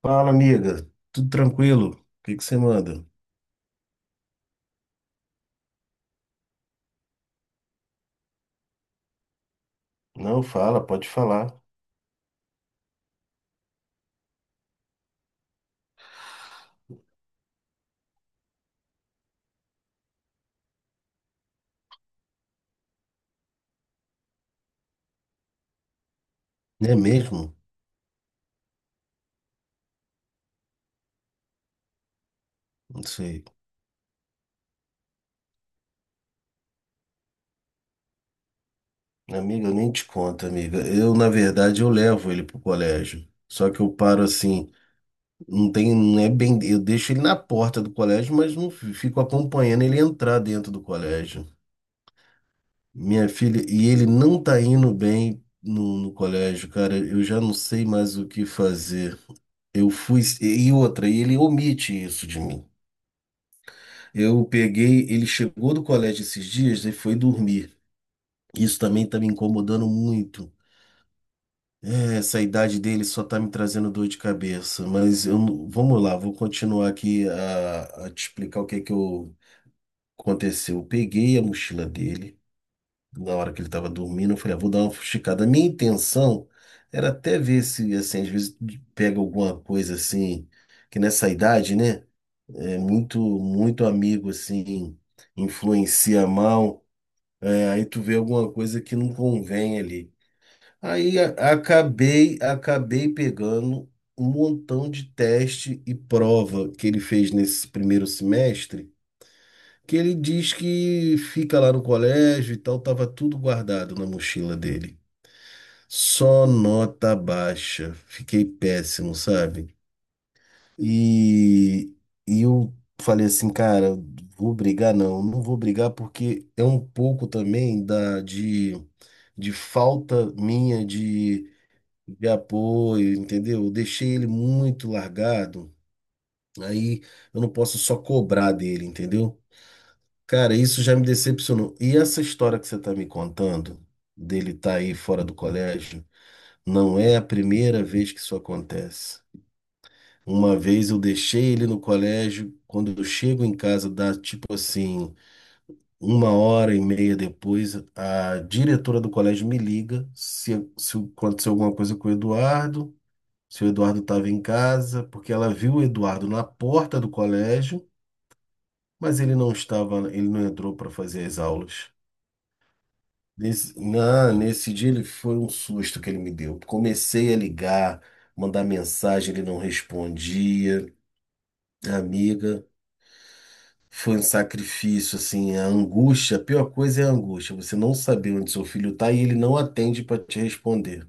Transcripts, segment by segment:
Fala, amiga. Tudo tranquilo? O que que você manda? Não, fala, pode falar. É mesmo? Não sei. Amiga, eu nem te conto, amiga. Eu, na verdade, eu levo ele pro colégio. Só que eu paro assim, não tem, não é bem, eu deixo ele na porta do colégio, mas não fico acompanhando ele entrar dentro do colégio. Minha filha, e ele não tá indo bem no colégio, cara. Eu já não sei mais o que fazer. Eu fui, e outra, e ele omite isso de mim. Eu peguei, ele chegou do colégio esses dias e foi dormir. Isso também tá me incomodando muito. É, essa idade dele só tá me trazendo dor de cabeça. Mas eu, vamos lá, vou continuar aqui a te explicar o que é que eu, aconteceu. Eu peguei a mochila dele na hora que ele estava dormindo. Eu falei, ah, vou dar uma fuxicada. A minha intenção era até ver se, assim, às vezes pega alguma coisa assim, que nessa idade, né? É muito, muito amigo, assim, influencia mal. É, aí tu vê alguma coisa que não convém ali. Aí acabei pegando um montão de teste e prova que ele fez nesse primeiro semestre, que ele diz que fica lá no colégio e tal, tava tudo guardado na mochila dele. Só nota baixa. Fiquei péssimo, sabe? E, e eu falei assim, cara, vou brigar? Não, não vou brigar porque é um pouco também da, de falta minha de, apoio, entendeu? Eu deixei ele muito largado, aí eu não posso só cobrar dele, entendeu? Cara, isso já me decepcionou. E essa história que você tá me contando, dele estar tá aí fora do colégio, não é a primeira vez que isso acontece. Uma vez eu deixei ele no colégio, quando eu chego em casa, dá tipo assim, uma hora e meia depois, a diretora do colégio me liga se aconteceu alguma coisa com o Eduardo, se o Eduardo estava em casa, porque ela viu o Eduardo na porta do colégio, mas ele não estava, ele não entrou para fazer as aulas. Nesse dia ele foi um susto que ele me deu. Comecei a ligar, mandar mensagem, ele não respondia. Amiga. Foi um sacrifício, assim, a angústia, a pior coisa é a angústia, você não saber onde seu filho está e ele não atende para te responder.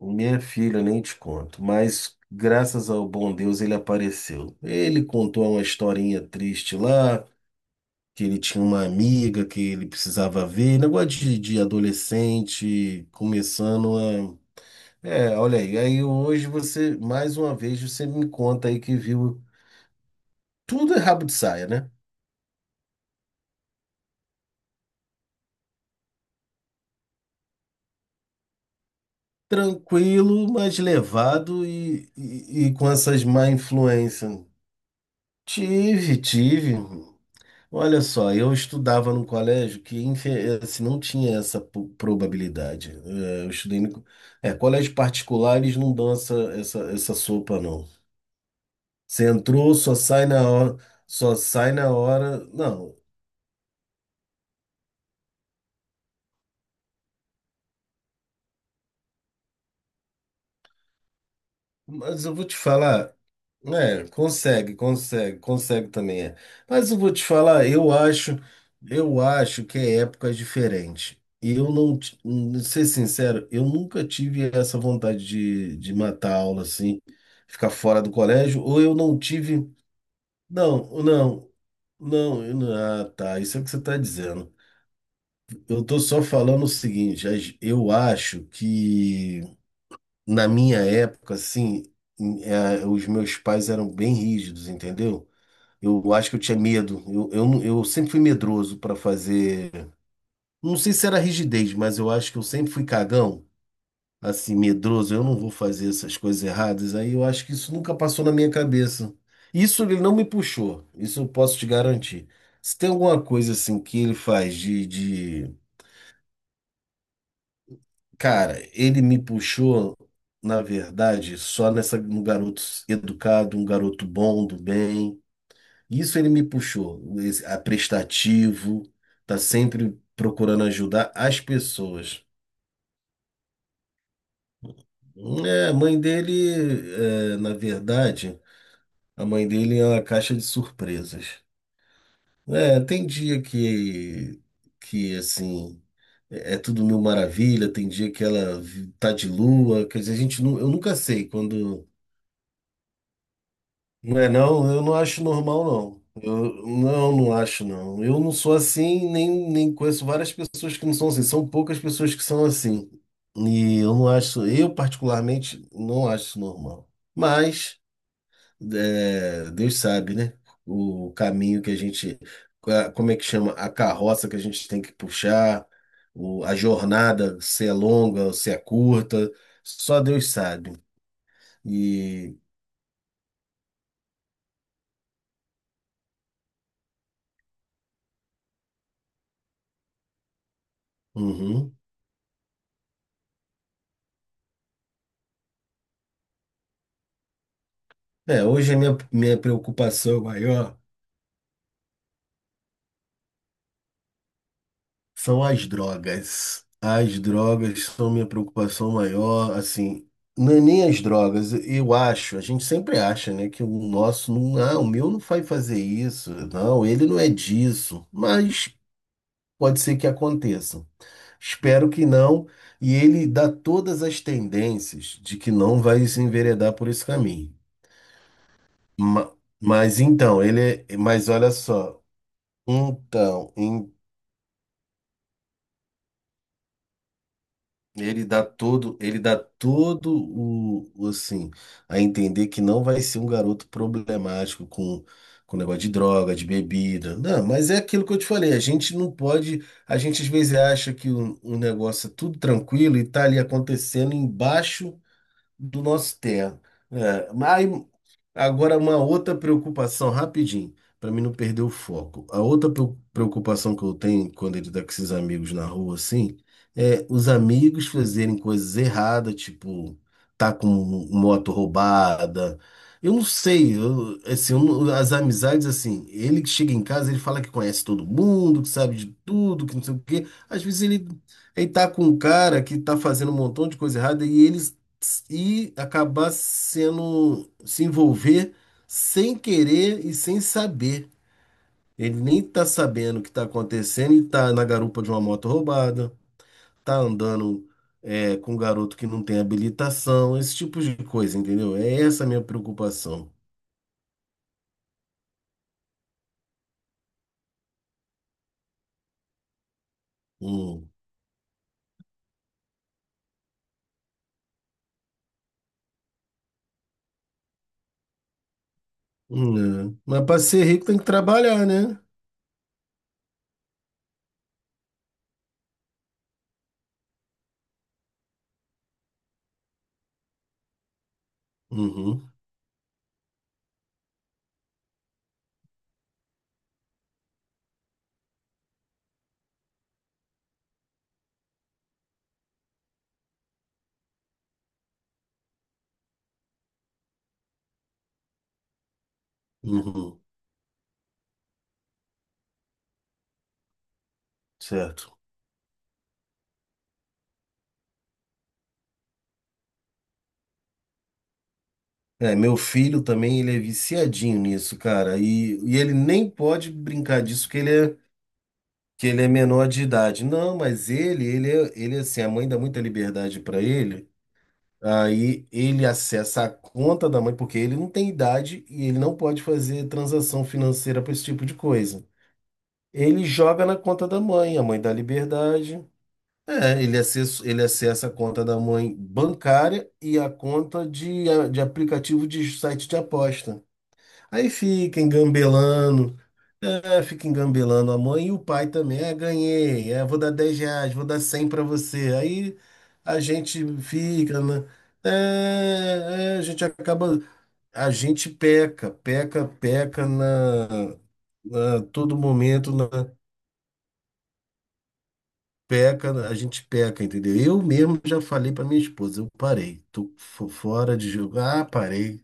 Minha filha, nem te conto, mas graças ao bom Deus ele apareceu. Ele contou uma historinha triste lá, que ele tinha uma amiga que ele precisava ver, um negócio de adolescente começando a. É, olha aí, aí hoje você, mais uma vez, você me conta aí que viu. Tudo é rabo de saia, né? Tranquilo, mas levado e com essas má influência. Tive, tive. Olha só, eu estudava num colégio que assim, não tinha essa probabilidade. É, eu estudei no... É, colégio particular, eles não dão essa sopa, não. Você entrou, só sai na hora, só sai na hora. Não, mas eu vou te falar, né? Consegue, consegue, consegue também é. Mas eu vou te falar, eu acho que é época diferente. E eu não, ser sincero, eu nunca tive essa vontade de matar a aula assim, ficar fora do colégio, ou eu não tive. Não, não, não, eu não- ah, tá, isso é o que você está dizendo. Eu tô só falando o seguinte, eu acho que na minha época, assim, os meus pais eram bem rígidos, entendeu? Eu acho que eu tinha medo. Eu, não- eu sempre fui medroso para fazer. Não sei se era rigidez, mas eu acho que eu sempre fui cagão, assim, medroso. Eu não vou fazer essas coisas erradas. Aí eu acho que isso nunca passou na minha cabeça. Isso ele não me puxou. Isso eu posso te garantir. Se tem alguma coisa assim que ele faz de, de, cara, ele me puxou, na verdade, só nessa, no garoto educado, um garoto bom, do bem. Isso ele me puxou, esse, a prestativo, tá sempre procurando ajudar as pessoas. É, a mãe dele, é, na verdade, a mãe dele é uma caixa de surpresas. É, tem dia que assim, é tudo mil maravilha, tem dia que ela tá de lua, quer dizer, a gente, eu nunca sei quando. Não é não? Eu não acho normal, não. Eu não acho, não. Eu não sou assim, nem conheço várias pessoas que não são assim. São poucas pessoas que são assim. E eu não acho, eu particularmente não acho isso normal. Mas é, Deus sabe, né? O caminho que a gente, como é que chama? A carroça que a gente tem que puxar, a jornada, se é longa ou se é curta, só Deus sabe. E, uhum. É, hoje a minha preocupação maior são as drogas. As drogas são minha preocupação maior, assim, não é nem as drogas, eu acho, a gente sempre acha, né, que o nosso não, ah, o meu não vai fazer isso, não, ele não é disso, mas pode ser que aconteça. Espero que não, e ele dá todas as tendências de que não vai se enveredar por esse caminho. Ma- Mas então, mas olha só, então, ele dá todo o, assim, a entender que não vai ser um garoto problemático com negócio de droga, de bebida. Não, mas é aquilo que eu te falei, a gente não pode, a gente às vezes acha que o negócio é tudo tranquilo e tá ali acontecendo embaixo do nosso terra. É, mas Agora, uma outra preocupação, rapidinho, para mim não perder o foco. A outra preocupação que eu tenho quando ele tá com esses amigos na rua, assim, é os amigos fazerem coisas erradas, tipo, tá com moto roubada. Eu não sei, assim, eu não- as amizades, assim, ele que chega em casa, ele fala que conhece todo mundo, que sabe de tudo, que não sei o quê. Às vezes ele tá com um cara que tá fazendo um montão de coisa errada e ele e acabar sendo, se envolver sem querer e sem saber. Ele nem tá sabendo o que tá acontecendo e tá na garupa de uma moto roubada, tá andando é, com um garoto que não tem habilitação, esse tipo de coisa, entendeu? É essa a minha preocupação. Hum, é. Mas para ser rico tem que trabalhar, né? Uhum, uhum, certo. É, meu filho também, ele é viciadinho nisso, cara. E ele nem pode brincar disso, que ele é menor de idade. Não, mas ele, ele assim, a mãe dá muita liberdade para ele. Aí ele acessa a conta da mãe, porque ele não tem idade e ele não pode fazer transação financeira para esse tipo de coisa. Ele joga na conta da mãe, a mãe dá liberdade. É, ele acessa a conta da mãe bancária e a conta de aplicativo de site de aposta. Aí fica engambelando. É, fica engambelando a mãe e o pai também. É, ganhei. É, vou dar R$ 10, vou dar 100 para você. Aí a gente fica, né? A gente acaba. A gente peca, peca, peca na todo momento, a gente peca, entendeu? Eu mesmo já falei para minha esposa, eu parei, tô fora de jogo. Ah, parei.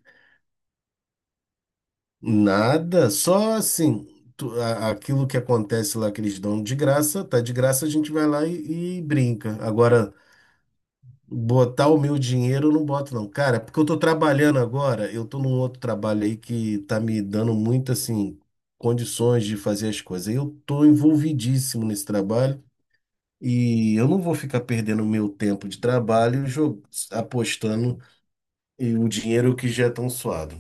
Nada, só assim, aquilo que acontece lá que eles dão de graça, tá de graça, a gente vai lá e brinca. Agora, botar o meu dinheiro eu não boto não. Cara, é porque eu tô trabalhando agora, eu tô num outro trabalho aí que tá me dando muito assim condições de fazer as coisas. Eu tô envolvidíssimo nesse trabalho e eu não vou ficar perdendo meu tempo de trabalho apostando e o dinheiro que já é tão suado.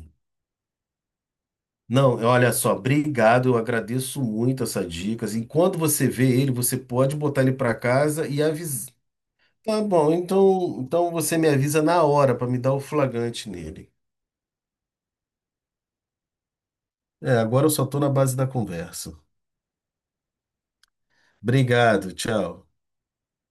Não, olha só, obrigado, eu agradeço muito essas dicas. Enquanto você vê ele, você pode botar ele para casa e avisar. Tá bom, então, você me avisa na hora para me dar o flagrante nele. É, agora eu só tô na base da conversa. Obrigado, tchau.